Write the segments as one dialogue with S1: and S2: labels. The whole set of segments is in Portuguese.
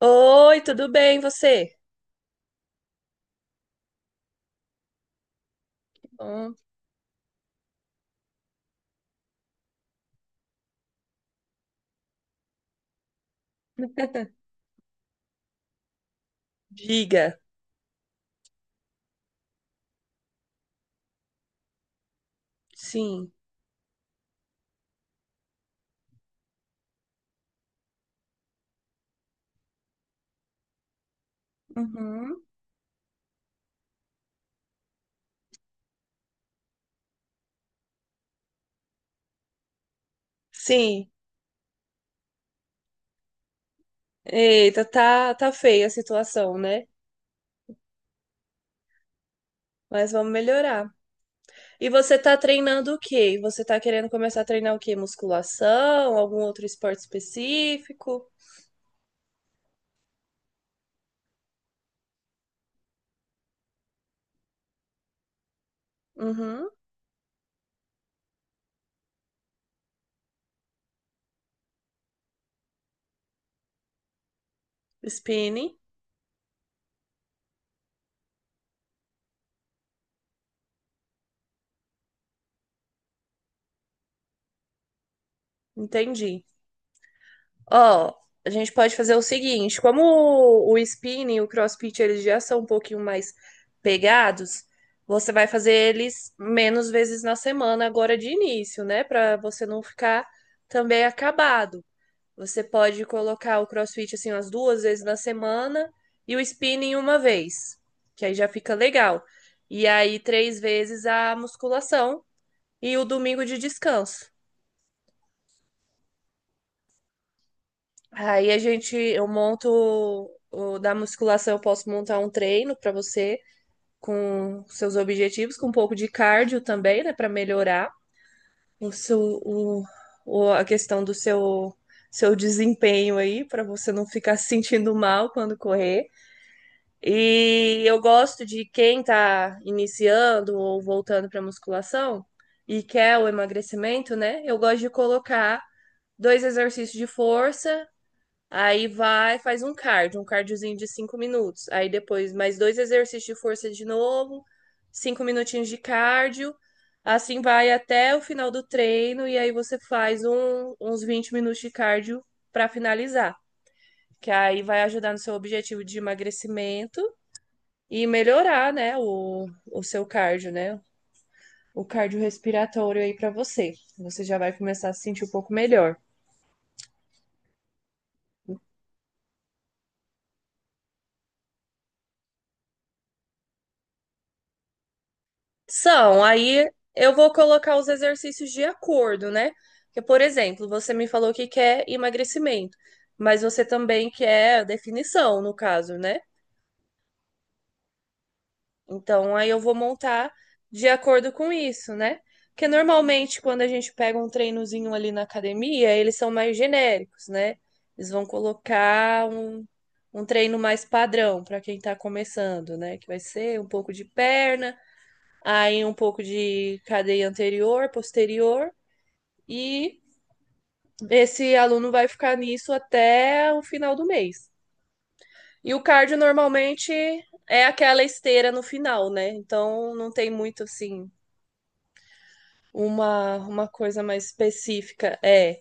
S1: Oi, tudo bem, você? Bom, Diga. Sim. Uhum. Sim. Eita, tá, tá feia a situação, né? Mas vamos melhorar. E você tá treinando o quê? Você tá querendo começar a treinar o quê? Musculação? Algum outro esporte específico? Uhum. Spinning. Entendi. Ó, a gente pode fazer o seguinte, como o spinning e o crossfit eles já são um pouquinho mais pegados, você vai fazer eles menos vezes na semana agora de início, né? Pra você não ficar também acabado. Você pode colocar o crossfit assim umas 2 vezes na semana e o spinning 1 vez, que aí já fica legal. E aí 3 vezes a musculação e o domingo de descanso. Aí a gente, eu monto o, da musculação, eu posso montar um treino para você com seus objetivos, com um pouco de cardio também, né, para melhorar o seu, o, a questão do seu, seu desempenho aí, para você não ficar se sentindo mal quando correr. E eu gosto de quem tá iniciando ou voltando para musculação e quer o emagrecimento, né? Eu gosto de colocar dois exercícios de força. Aí vai, faz um cardio, um cardiozinho de 5 minutos. Aí depois mais dois exercícios de força de novo, 5 minutinhos de cardio. Assim vai até o final do treino e aí você faz uns 20 minutos de cardio para finalizar, que aí vai ajudar no seu objetivo de emagrecimento e melhorar, né, o seu cardio, né? O cardio respiratório aí para você. Você já vai começar a se sentir um pouco melhor. São, aí eu vou colocar os exercícios de acordo, né? Porque, por exemplo, você me falou que quer emagrecimento, mas você também quer definição, no caso, né? Então, aí eu vou montar de acordo com isso, né? Porque normalmente, quando a gente pega um treinozinho ali na academia, eles são mais genéricos, né? Eles vão colocar um, um treino mais padrão para quem tá começando, né? Que vai ser um pouco de perna, aí um pouco de cadeia anterior, posterior, e esse aluno vai ficar nisso até o final do mês. E o cardio normalmente é aquela esteira no final, né? Então não tem muito assim uma coisa mais específica. É.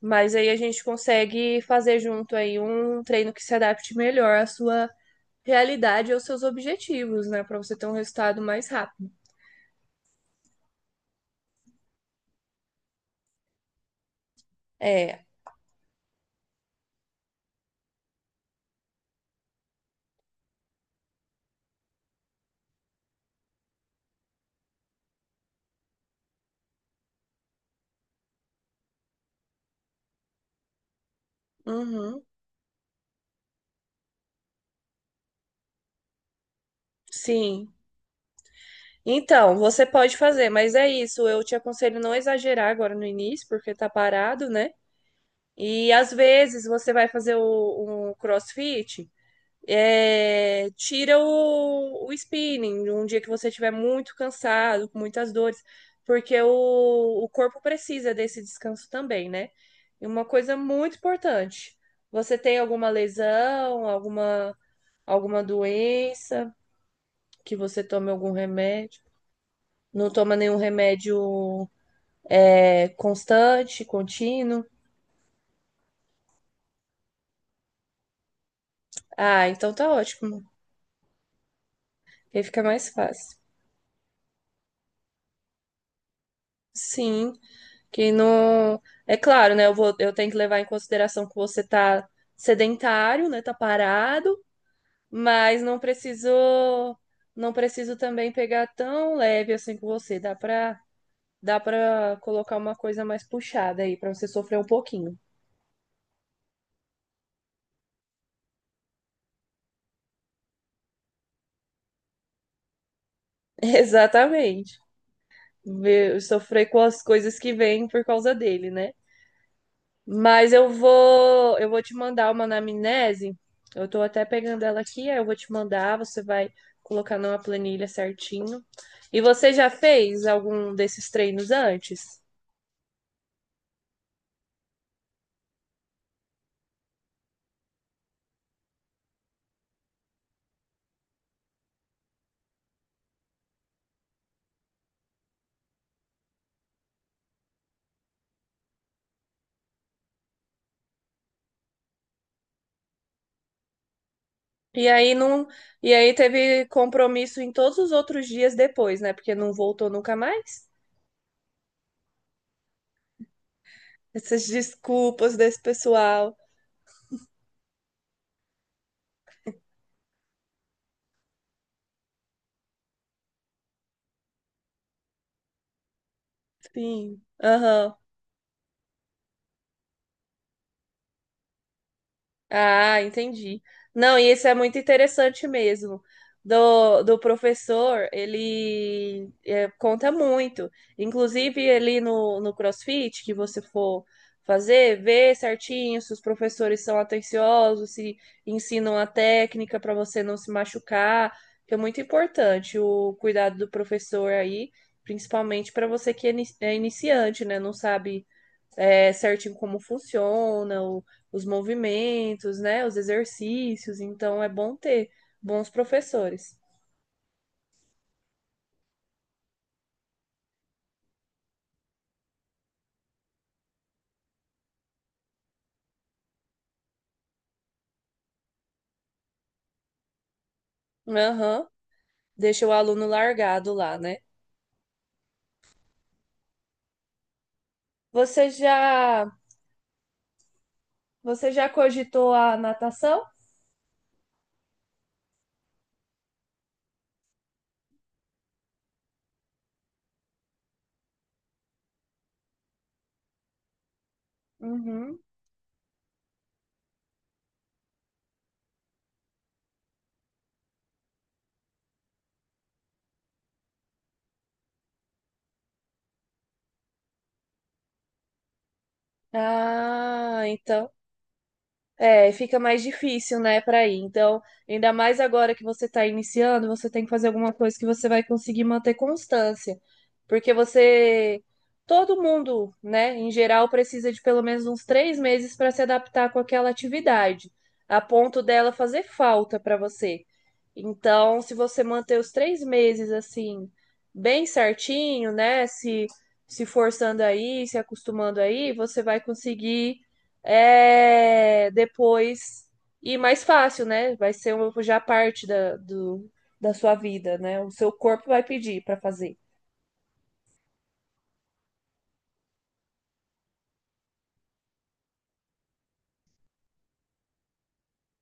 S1: Mas aí a gente consegue fazer junto aí um treino que se adapte melhor à sua realidade e aos seus objetivos, né? Para você ter um resultado mais rápido. É. Uhum. Sim, então, você pode fazer, mas é isso. Eu te aconselho não exagerar agora no início, porque tá parado, né? E às vezes você vai fazer o CrossFit, é, tira o spinning, um dia que você estiver muito cansado, com muitas dores, porque o corpo precisa desse descanso também, né? E uma coisa muito importante: você tem alguma lesão, alguma, alguma doença, que você tome algum remédio? Não toma nenhum remédio é, constante, contínuo. Ah, então tá ótimo. Aí fica mais fácil. Sim, que não. É claro, né? Eu vou, eu tenho que levar em consideração que você tá sedentário, né? Tá parado, mas não preciso, não preciso também pegar tão leve assim com você. Dá pra colocar uma coisa mais puxada aí, pra você sofrer um pouquinho. Exatamente. Sofrer com as coisas que vêm por causa dele, né? Mas eu vou te mandar uma anamnese. Eu tô até pegando ela aqui, aí eu vou te mandar, você vai colocar numa planilha certinho. E você já fez algum desses treinos antes? E aí não, e aí teve compromisso em todos os outros dias depois, né? Porque não voltou nunca mais. Essas desculpas desse pessoal. Sim. Aham. Ah, entendi. Não, e isso é muito interessante mesmo. Do, do professor, ele é, conta muito. Inclusive, ali no, no CrossFit, que você for fazer, vê certinho se os professores são atenciosos, se ensinam a técnica para você não se machucar, que é muito importante o cuidado do professor aí, principalmente para você que é é iniciante, né? Não sabe é, certinho como funciona, os movimentos, né? Os exercícios. Então é bom ter bons professores. Aham. Deixa o aluno largado lá, né? Você já, você já cogitou a natação? Uhum. Ah, então. É, fica mais difícil, né, para ir. Então, ainda mais agora que você está iniciando, você tem que fazer alguma coisa que você vai conseguir manter constância. Porque você, todo mundo, né, em geral, precisa de pelo menos uns 3 meses para se adaptar com aquela atividade, a ponto dela fazer falta para você. Então, se você manter os 3 meses assim, bem certinho, né, se forçando aí, se acostumando aí, você vai conseguir é, depois ir mais fácil, né? Vai ser uma, já parte da, do, da sua vida, né? O seu corpo vai pedir para fazer.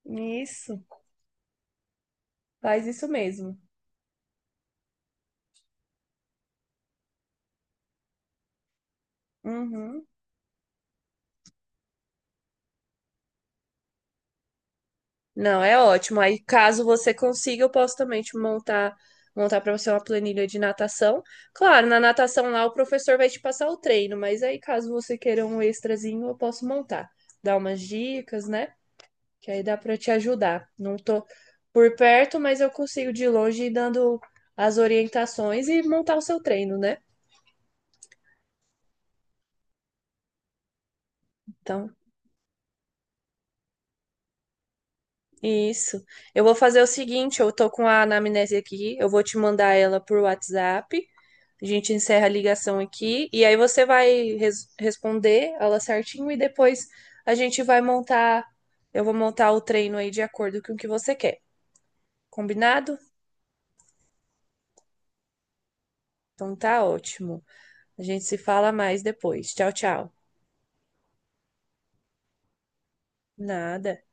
S1: Isso, faz isso mesmo. Uhum. Não, é ótimo. Aí, caso você consiga, eu posso também te montar montar para você uma planilha de natação. Claro, na natação lá o professor vai te passar o treino, mas aí caso você queira um extrazinho, eu posso montar, dar umas dicas, né? Que aí dá para te ajudar. Não tô por perto, mas eu consigo de longe ir dando as orientações e montar o seu treino, né? Então, isso. Eu vou fazer o seguinte, eu tô com a anamnese aqui, eu vou te mandar ela por WhatsApp. A gente encerra a ligação aqui e aí você vai responder ela certinho e depois a gente vai montar, eu vou montar o treino aí de acordo com o que você quer. Combinado? Então tá ótimo. A gente se fala mais depois. Tchau, tchau. Nada.